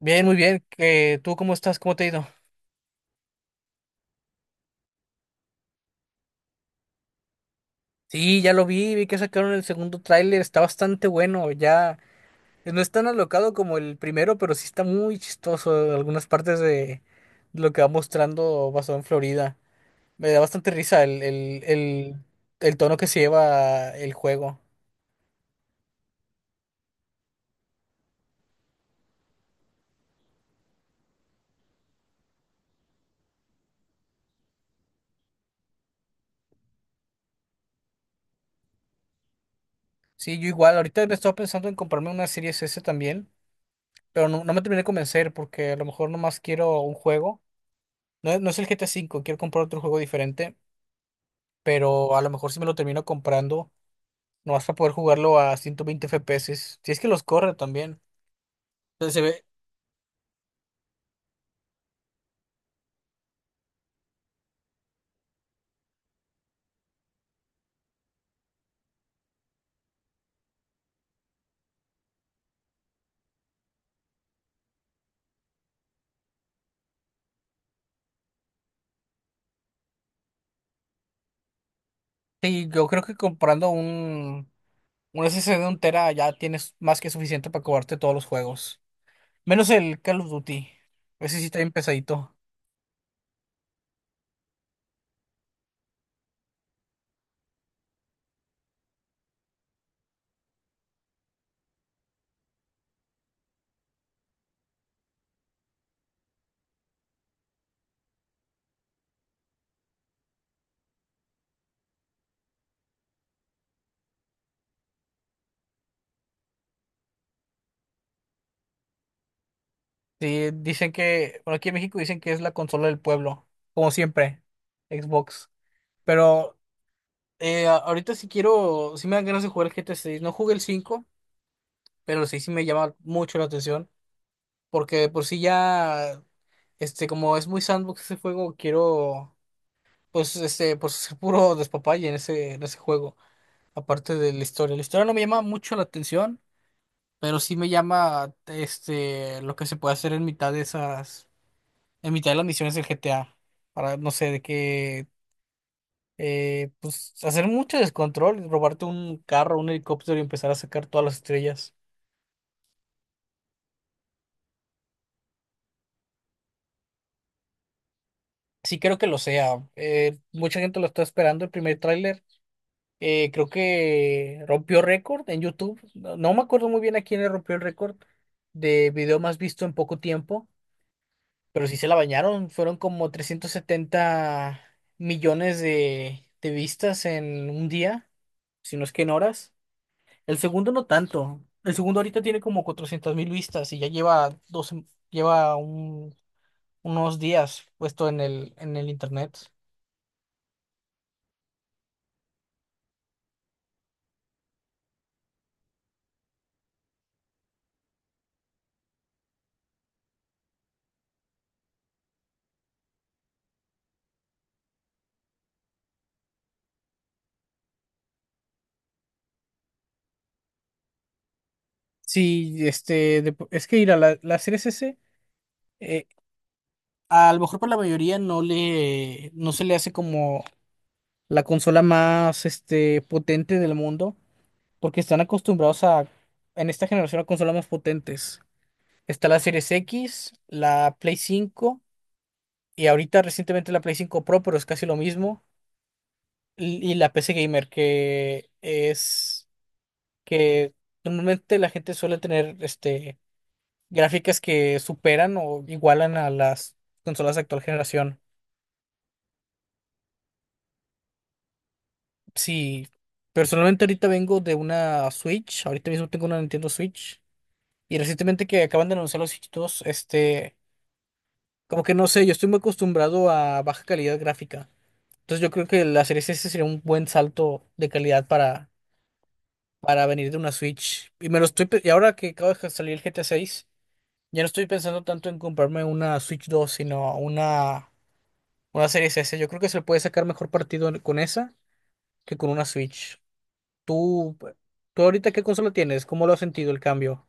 Bien, muy bien. ¿Que tú cómo estás? ¿Cómo te ha ido? Sí, ya lo vi, vi que sacaron el segundo tráiler, está bastante bueno, ya no es tan alocado como el primero, pero sí está muy chistoso algunas partes de lo que va mostrando basado en Florida. Me da bastante risa el tono que se lleva el juego. Sí, yo igual, ahorita me estaba pensando en comprarme una Series S también, pero no, no me terminé de convencer porque a lo mejor nomás quiero un juego. No, no es el GTA V, quiero comprar otro juego diferente. Pero a lo mejor si me lo termino comprando, no vas a poder jugarlo a 120 FPS. Si es que los corre también. Entonces se ve. Sí, yo creo que comprando un SSD de un tera ya tienes más que suficiente para cobrarte todos los juegos. Menos el Call of Duty. Ese sí está bien pesadito. Sí, dicen que, bueno, aquí en México dicen que es la consola del pueblo, como siempre, Xbox. Pero ahorita sí quiero, sí me dan ganas de jugar el GTA 6. No jugué el 5, pero el 6 sí me llama mucho la atención. Porque de por sí ya, este, como es muy sandbox ese juego, quiero, pues, este, pues ser puro despapalle en ese juego, aparte de la historia. La historia no me llama mucho la atención, pero sí me llama, este, lo que se puede hacer en mitad de las misiones del GTA, para, no sé, de que, pues, hacer mucho descontrol, robarte un carro, un helicóptero y empezar a sacar todas las estrellas. Sí creo que lo sea. Mucha gente lo está esperando el primer tráiler. Creo que rompió récord en YouTube. No, no me acuerdo muy bien a quién le rompió el récord de video más visto en poco tiempo, pero sí se la bañaron. Fueron como 370 millones de vistas en un día, si no es que en horas. El segundo no tanto. El segundo ahorita tiene como 400 mil vistas y ya lleva dos, lleva unos días puesto en el internet. Sí, este, es que ir a la serie S S a lo mejor para la mayoría no se le hace como la consola más, este, potente del mundo, porque están acostumbrados a, en esta generación, a consolas más potentes. Está la Series X, la Play 5 y ahorita recientemente la Play 5 Pro, pero es casi lo mismo, y la PC Gamer, que normalmente la gente suele tener, este, gráficas que superan o igualan a las consolas de actual generación. Sí, personalmente ahorita vengo de una Switch, ahorita mismo tengo una Nintendo Switch y recientemente que acaban de anunciar los Switch 2, este, como que no sé, yo estoy muy acostumbrado a baja calidad gráfica. Entonces yo creo que la Series S sería un buen salto de calidad para venir de una Switch. Y me lo estoy pe- y ahora que acaba de salir el GTA 6, ya no estoy pensando tanto en comprarme una Switch dos, sino una Series S. Yo creo que se le puede sacar mejor partido con esa que con una Switch. Tú, tú ahorita ¿qué consola tienes? ¿Cómo lo has sentido el cambio?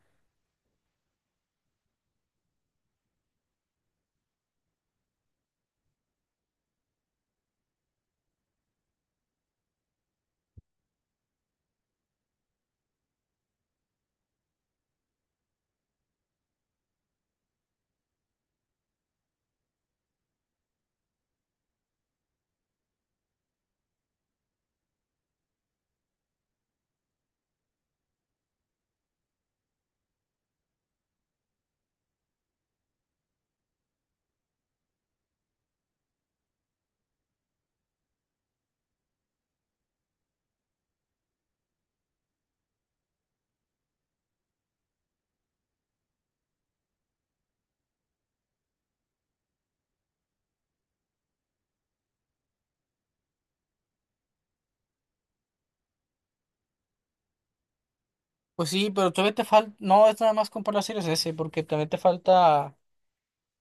Pues sí, pero todavía te falta, no es nada más comprar la Series S, porque también te falta,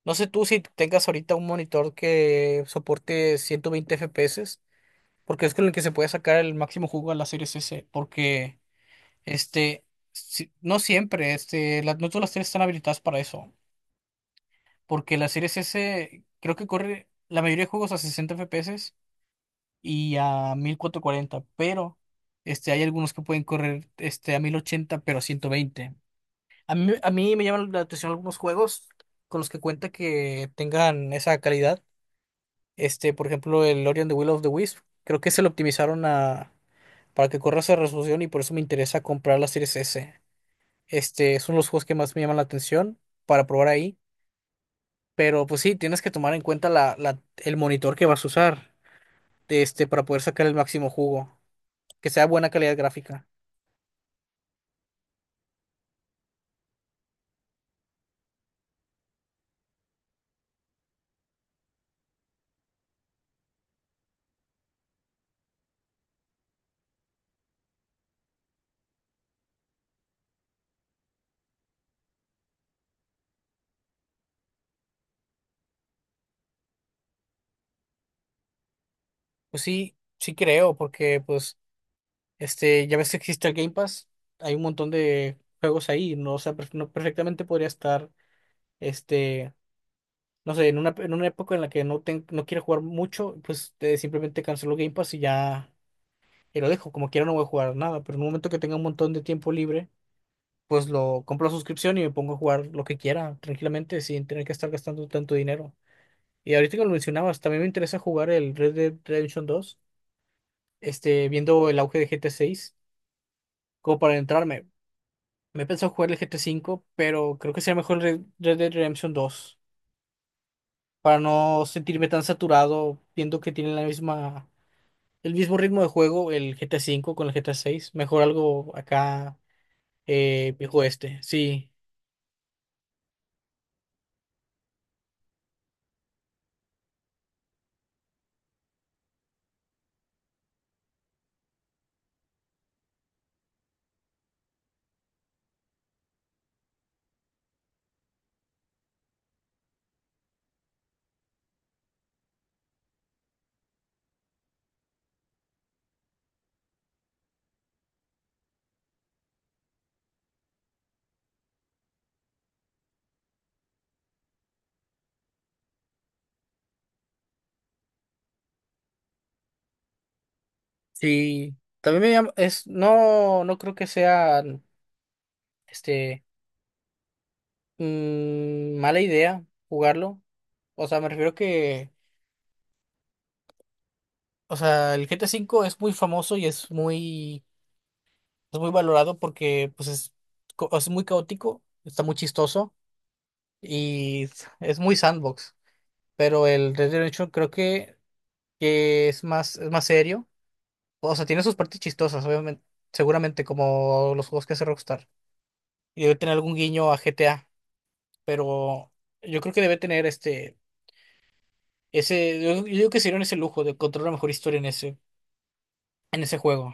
no sé tú si tengas ahorita un monitor que soporte 120 FPS, porque es con el que se puede sacar el máximo jugo a la Series S, porque este, no siempre, este, no todas las series están habilitadas para eso, porque la Series S creo que corre la mayoría de juegos a 60 FPS y a 1440, pero este, hay algunos que pueden correr este, a 1080 pero a 120. A mí, me llaman la atención algunos juegos con los que cuenta que tengan esa calidad. Este, por ejemplo, el Ori and the Will of the Wisp. Creo que se lo optimizaron para que corra esa resolución y por eso me interesa comprar la Series S. Este, son los juegos que más me llaman la atención para probar ahí. Pero pues sí, tienes que tomar en cuenta el monitor que vas a usar, este, para poder sacar el máximo jugo que sea buena calidad gráfica. Pues sí, sí creo, porque pues este, ya ves que existe el Game Pass, hay un montón de juegos ahí, no, o sea, no perfectamente podría estar, este, no sé, en una época en la que no quiero jugar mucho, pues simplemente cancelo Game Pass y ya y lo dejo, como quiera no voy a jugar nada, pero en un momento que tenga un montón de tiempo libre, pues lo compro la suscripción y me pongo a jugar lo que quiera tranquilamente sin tener que estar gastando tanto dinero. Y ahorita que lo mencionabas, también me interesa jugar el Red Dead Redemption 2, este, viendo el auge de GTA 6, como para entrarme. Me he pensado jugar el GT5, pero creo que sería mejor Red Dead Redemption 2 para no sentirme tan saturado viendo que tienen el mismo ritmo de juego el GT5 con el GT seis. Mejor algo acá, viejo este. Sí, sí. También es no no creo que sea este, mala idea jugarlo. O sea, me refiero que, o sea, el GT5 es muy famoso y Es muy valorado porque pues es, es muy caótico, está muy chistoso y es muy sandbox. Pero el Red Dead Redemption creo que es más, serio. O sea, tiene sus partes chistosas, obviamente, seguramente como los juegos que hace Rockstar. Y debe tener algún guiño a GTA. Pero yo creo que debe tener este, yo creo que se dieron ese lujo de contar una mejor historia en ese juego.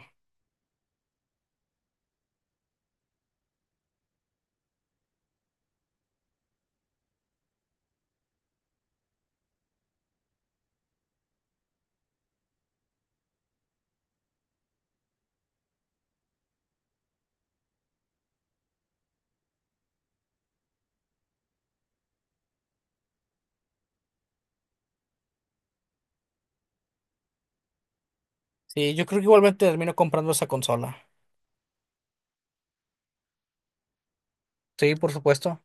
Sí, yo creo que igualmente termino comprando esa consola. Sí, por supuesto.